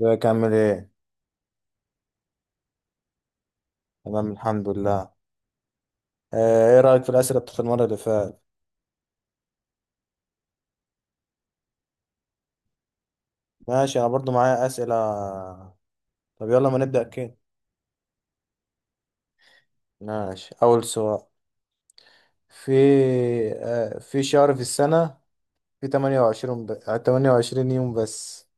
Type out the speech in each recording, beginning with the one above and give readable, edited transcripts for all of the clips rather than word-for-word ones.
ازيك عامل ايه؟ تمام الحمد لله. ايه رأيك في الأسئلة بتاعت المرة اللي فاتت؟ ماشي انا برضو معايا أسئلة. طب يلا ما نبدأ كده. ماشي أول سؤال. في في شهر في السنة في 28 يوم بس.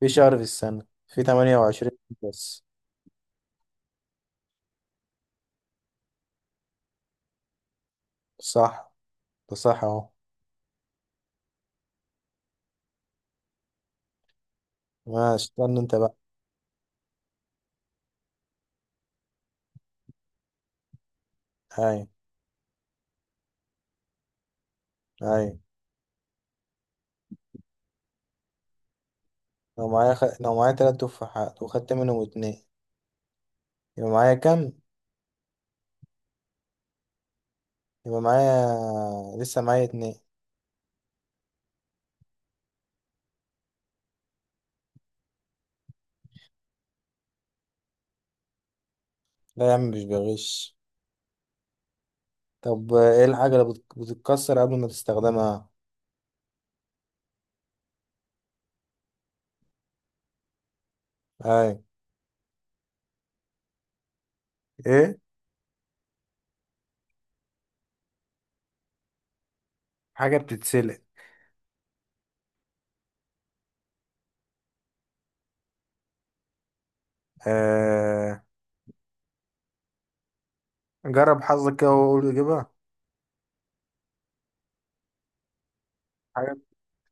في شهر في السنة في 28 يوم بس. صح، ده صح اهو. ماشي استنى انت بقى. هاي، هاي. لو معايا تلات تفاحات وخدت منهم اتنين، يبقى معايا كام؟ يبقى معايا لسه معايا اتنين. لا يا عم مش بغش. طب ايه الحاجة اللي بتتكسر قبل ما تستخدمها؟ اي، ايه؟ حاجة بتتسلق. آه... جرب حظك كده وقول اجيبها. حاجة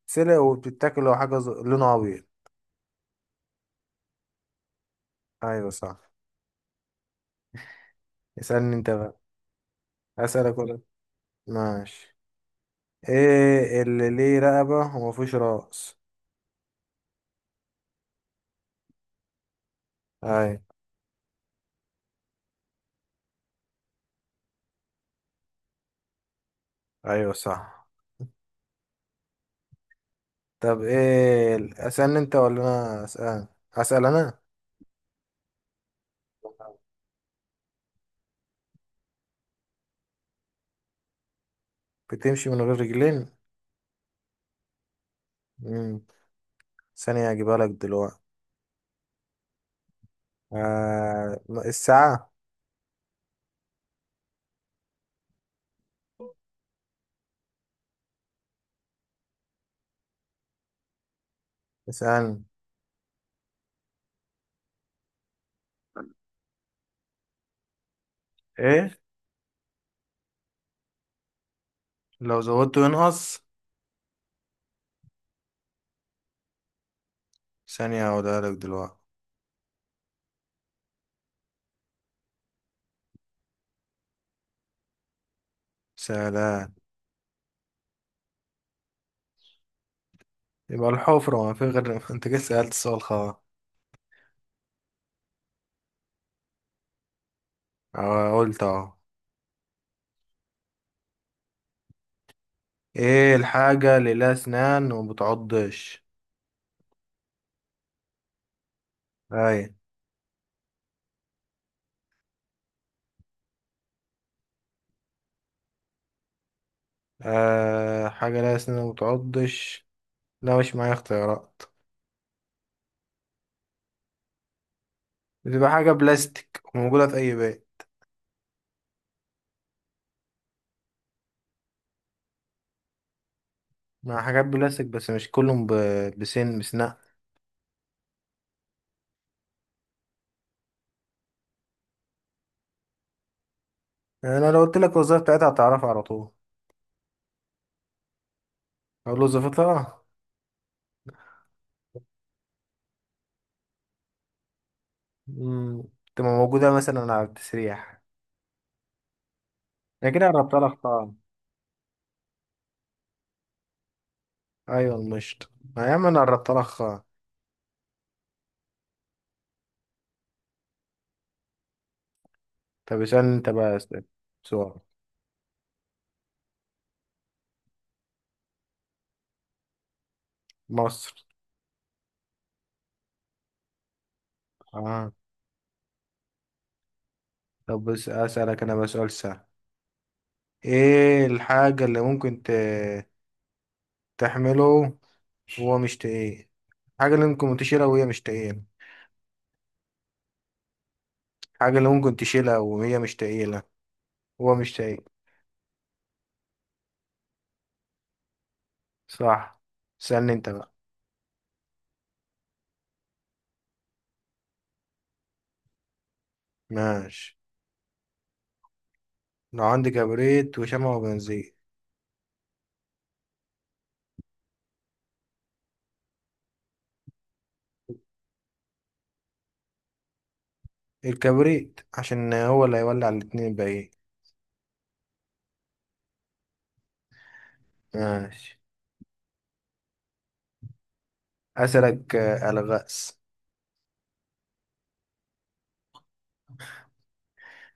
بتتسلق وبتتاكل، لو حاجة لونها ابيض. ايوه صح. اسألني انت بقى. اسألك ولا؟ ماشي. ايه اللي ليه رقبة ومفيش رأس؟ اي؟ ايوه صح. طب ايه اسألني انت ولا انا اسأل؟ اسأل انا. بتمشي من غير رجلين؟ مم. ثانية هجيبها لك دلوقتي. آه، الساعة. اسألني. ايه لو زودته ينقص؟ ثانية هقولها لك دلوقتي. سلام. يبقى الحفرة ما في غير انت كده سألت السؤال خلاص. اه قلت اهو. ايه الحاجة اللي لها اسنان وما بتعضش؟ اي؟ آه، حاجة لها اسنان وما بتعضش. لا مش معايا اختيارات. بتبقى حاجة بلاستيك وموجودة في اي بيت. مع حاجات بلاستيك، بس مش كلهم بسنان. يعني انا لو قلت لك الوظيفة بتاعتها هتعرفها على طول. اقول له وظيفتها؟ مم. تبقى موجودة مثلا على التسريح. أنا كده قربت لها خطأ. أيوة المشط، ما يا عم أنا قربت لها خطأ. طب اسألني أنت بقى، اسأل سؤال. مصر. آه. طب بس أسألك أنا بقى سؤال سهل. إيه الحاجة اللي تحمله وهو مش تقيل؟ الحاجة اللي ممكن تشيلها وهي مش تقيلة. الحاجة اللي ممكن تشيلها وهي مش تقيلة، هو مش تقيل. صح. اسألني أنت بقى. ماشي. لو عندي كبريت وشمع وبنزين. الكبريت، عشان هو اللي هيولع الاتنين الباقيين. ماشي. أسألك ألغاز.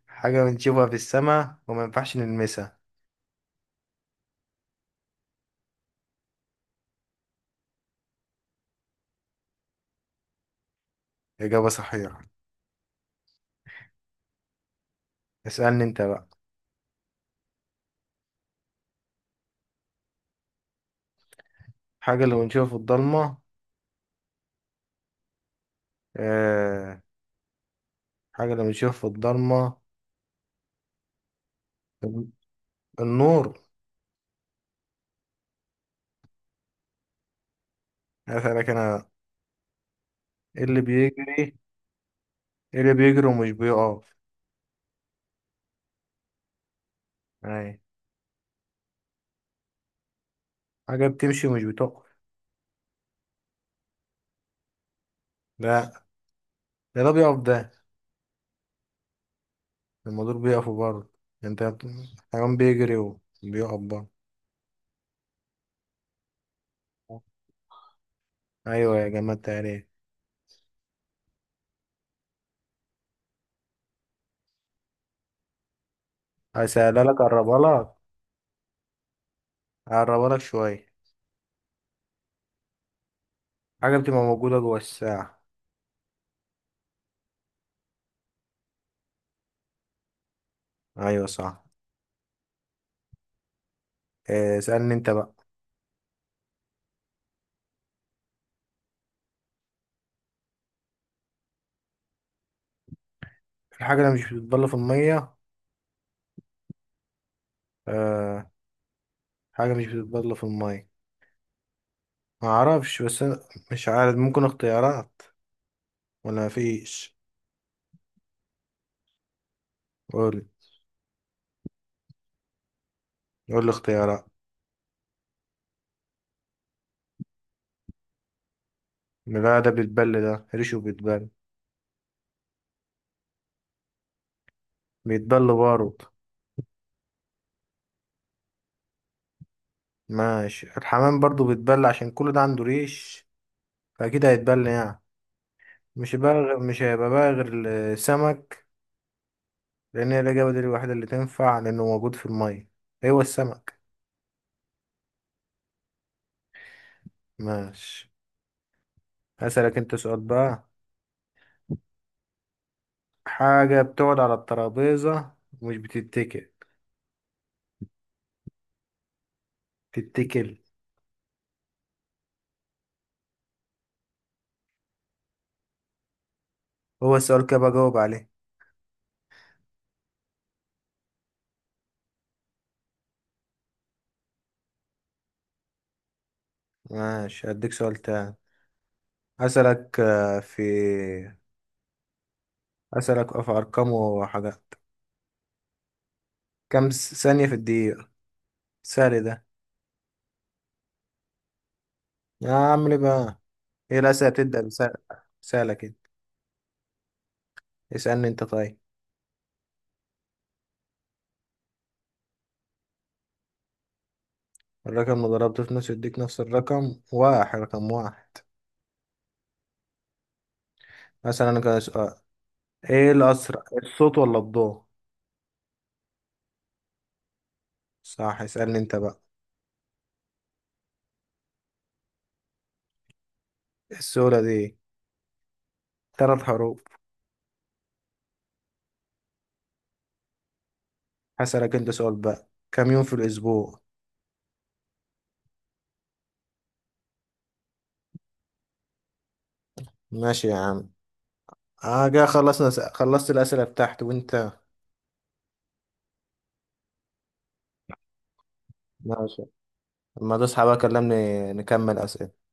حاجة بنشوفها في السماء وما ينفعش نلمسها. إجابة صحيحة. اسألني أنت بقى. حاجة اللي بنشوفها في الضلمة؟ آه. حاجة اللي بنشوفها في الضلمة. النور. أسألك أنا. إيه اللي بيجري؟ إيه اللي بيجري ومش بيقف؟ أي. حاجة بتمشي ومش بتقف. لا، ده بيقف ده. المدور بيقف برضه. أنت. حيوان بيجري وبيقف برضه. ايوه يا جماعة التقريب. هسألها لك، قربها لك. قربها لك شوية. حاجة بتبقى موجودة جوه الساعة. ايوه صح. اسألني انت بقى. الحاجة اللي مش بتتبل في المية. أه، حاجة مش بتتبل في المية. ما اعرفش بس أنا، مش عارف، ممكن اختيارات ولا مفيش؟ قول، قول لي اختيارات. لا، ده بيتبل ده، ريشه بيتبل. بيتبل برضه. ماشي، الحمام برضه بيتبل عشان كل ده عنده ريش، فأكيد هيتبل يعني. مش هيبقى بقى غير السمك، لان هي الاجابه دي الوحيده اللي تنفع لانه موجود في الميه، هو السمك. ماشي. هسألك انت سؤال بقى. حاجه بتقعد على الترابيزه ومش بتتكل. تتكل. هو السؤال كده بجاوب عليه. ماشي هديك سؤال تاني. هسألك آه، في هسألك في ارقام وحاجات. ثانيه في الدقيقه؟ سهل ده. يا عم ليه بقى؟ ايه الاسئله تبدا بسهل سهله كده؟ اسألني انت طيب. الرقم اللي ضربته في نص يديك نفس الرقم؟ واحد، رقم واحد. مثلا انا كده، ايه الاسرع، الصوت ولا الضوء؟ صح. اسألني انت بقى. السؤال دي ثلاث حروف. هسألك انت سؤال بقى، كم يوم في الاسبوع؟ ماشي يا عم. اه جا خلصنا خلصت الاسئله بتاعتي، وانت؟ ماشي. لما تصحى بقى كلمني نكمل اسئله.